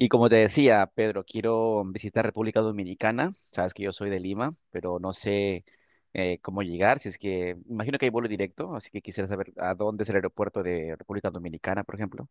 Y como te decía, Pedro, quiero visitar República Dominicana. Sabes que yo soy de Lima, pero no sé cómo llegar. Si es que, imagino que hay vuelo directo, así que quisiera saber a dónde es el aeropuerto de República Dominicana, por ejemplo.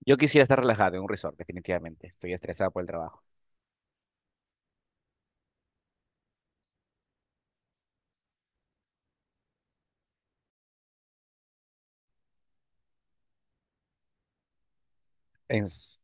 Yo quisiera estar relajado en un resort, definitivamente. Estoy estresado por el trabajo. Es-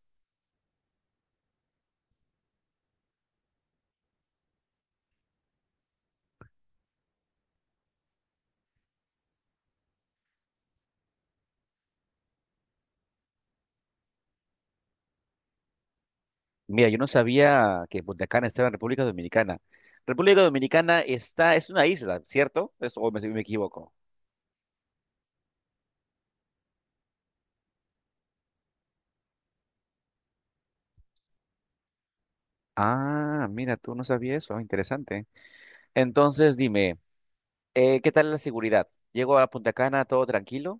Mira, yo no sabía que Punta Cana estaba en República Dominicana. República Dominicana está, es una isla, ¿cierto? O me, si me equivoco. Ah, mira, tú no sabías eso. Ah, interesante. Entonces, dime. ¿Qué tal la seguridad? Llego a Punta Cana todo tranquilo.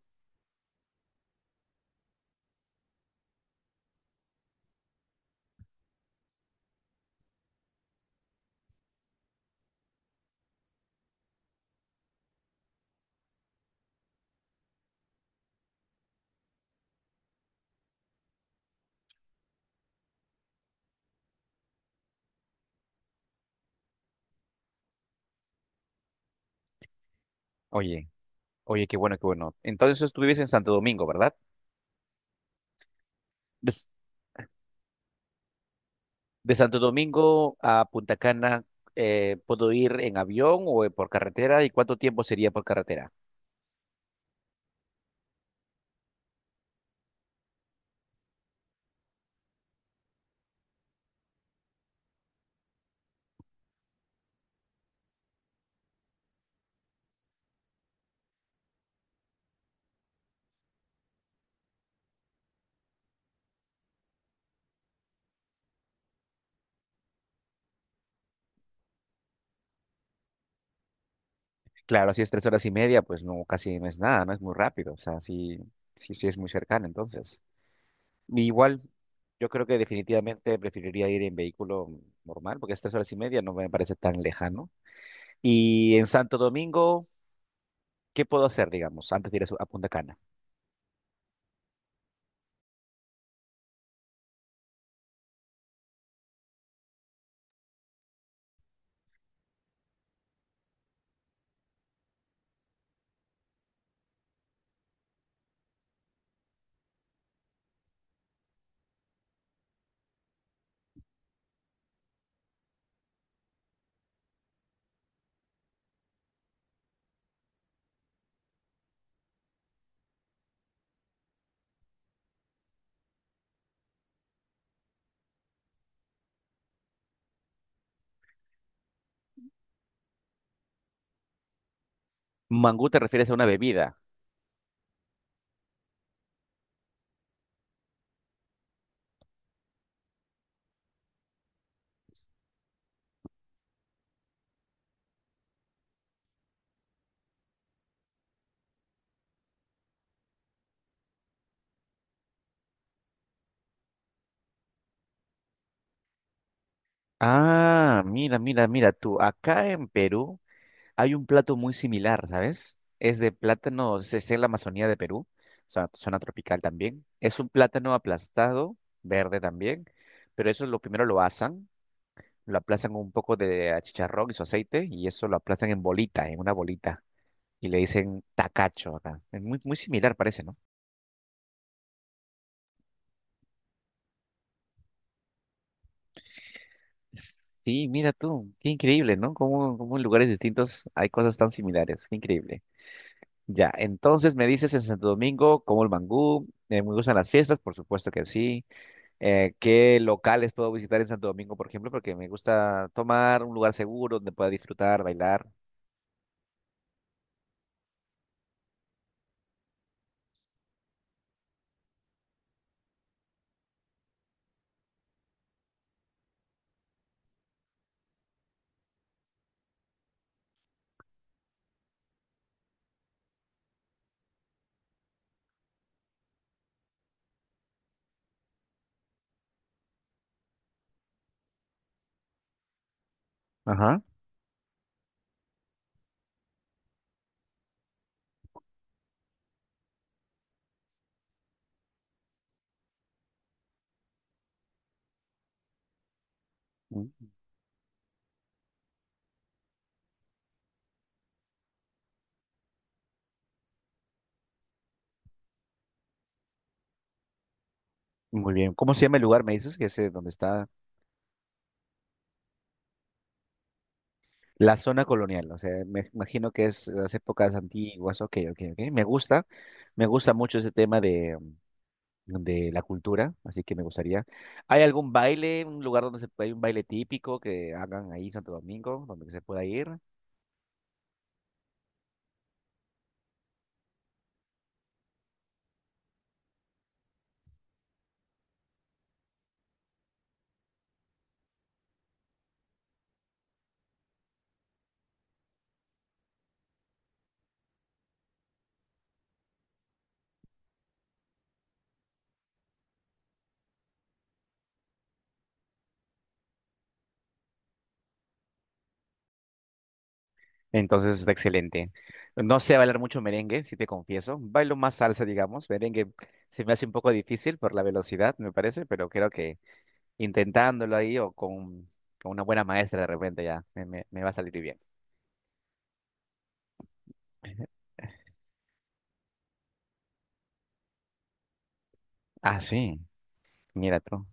Oye, oye, qué bueno, qué bueno. Entonces tú vives en Santo Domingo, ¿verdad? De, S- de Santo Domingo a Punta Cana, ¿puedo ir en avión o por carretera? ¿Y cuánto tiempo sería por carretera? Claro, si es 3 horas y media, pues no, casi no es nada, no es muy rápido. O sea, sí, sí, sí es muy cercano, entonces. Igual, yo creo que definitivamente preferiría ir en vehículo normal, porque es 3 horas y media, no me parece tan lejano. Y en Santo Domingo. ¿Qué puedo hacer, digamos, antes de ir a, a Punta Cana? Mangú te refieres a una bebida. Ah, mira, mira, mira tú. Acá en Perú hay un plato muy similar, ¿sabes? Es de plátano, se está en la Amazonía de Perú, zona tropical también. Es un plátano aplastado, verde también, pero eso lo primero lo asan, lo aplastan con un poco de chicharrón y su aceite y eso lo aplastan en bolita, en una bolita. Y le dicen tacacho acá. Es muy, muy similar, parece, ¿no? Sí, mira tú, qué increíble, ¿no? Cómo, cómo en lugares distintos hay cosas tan similares, qué increíble. Ya, entonces me dices en Santo Domingo, como el mangú, me gustan las fiestas, por supuesto que sí. ¿Qué locales puedo visitar en Santo Domingo, por ejemplo? Porque me gusta tomar un lugar seguro donde pueda disfrutar, bailar. Ajá. Mm, muy bien. ¿Cómo se llama el lugar? Me dices que es donde está la zona colonial. O sea, me imagino que es las épocas antiguas. Ok, ok, ok. Me gusta. Me gusta mucho ese tema de la cultura, así que me gustaría. ¿Hay algún baile, un lugar donde se, hay un baile típico que hagan ahí en Santo Domingo, donde se pueda ir? Entonces está excelente. No sé bailar mucho merengue, si te confieso. Bailo más salsa, digamos. Merengue se me hace un poco difícil por la velocidad, me parece, pero creo que intentándolo ahí o con una buena maestra de repente ya me, me va a salir bien. Ah, sí, mira tú.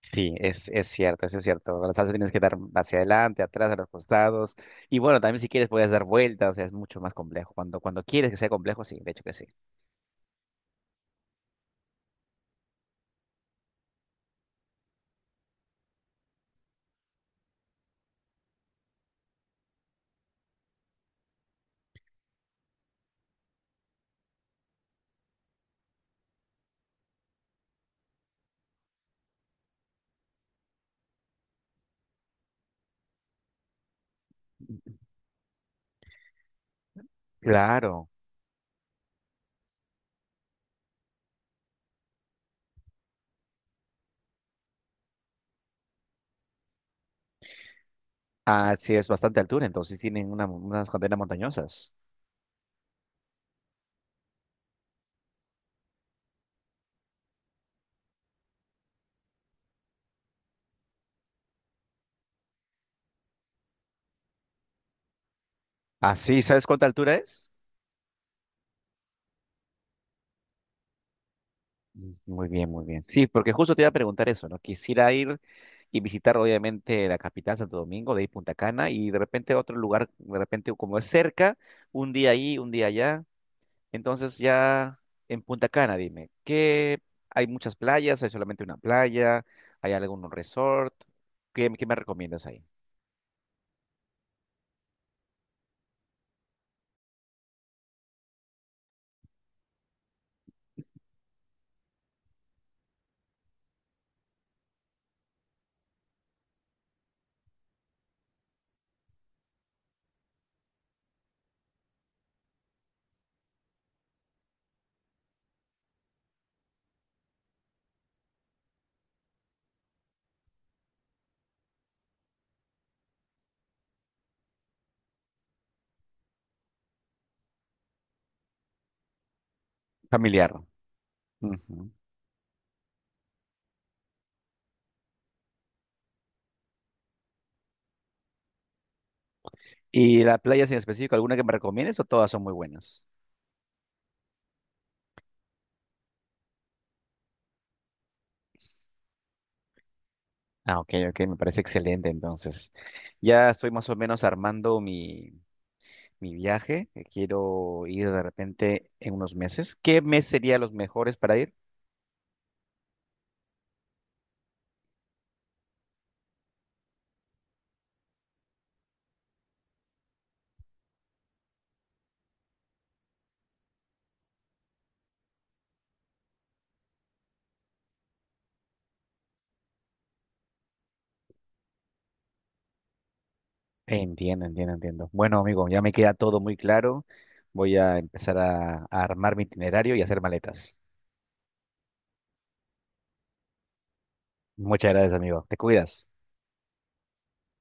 Sí, es cierto, eso es cierto. Con la salsa tienes que dar hacia adelante, atrás, a los costados. Y bueno, también si quieres puedes dar vueltas, o sea, es mucho más complejo. Cuando, cuando quieres que sea complejo, sí, de hecho que sí. Claro. Ah, sí, es bastante altura, entonces tienen una, unas cadenas montañosas. Ah, sí, ¿sabes cuánta altura es? Mm, muy bien, muy bien. Sí, porque justo te iba a preguntar eso, ¿no? Quisiera ir y visitar, obviamente, la capital, Santo Domingo, de ahí Punta Cana, y de repente otro lugar, de repente, como es cerca, un día ahí, un día allá. Entonces ya en Punta Cana, dime, ¿qué hay muchas playas? ¿Hay solamente una playa? ¿Hay algún resort? ¿Qué, qué me recomiendas ahí? Familiar. Ujú. ¿Y las playas en específico, alguna que me recomiendes o todas son muy buenas? Ah, ok, ok, me parece excelente entonces. Ya estoy más o menos armando mi, mi viaje. Que Quiero ir de repente en unos meses. ¿Qué mes serían los mejores para ir? Entiendo, entiendo, entiendo. Bueno, amigo, ya me queda todo muy claro. Voy a empezar a armar mi itinerario y hacer maletas. Muchas gracias, amigo. Te cuidas.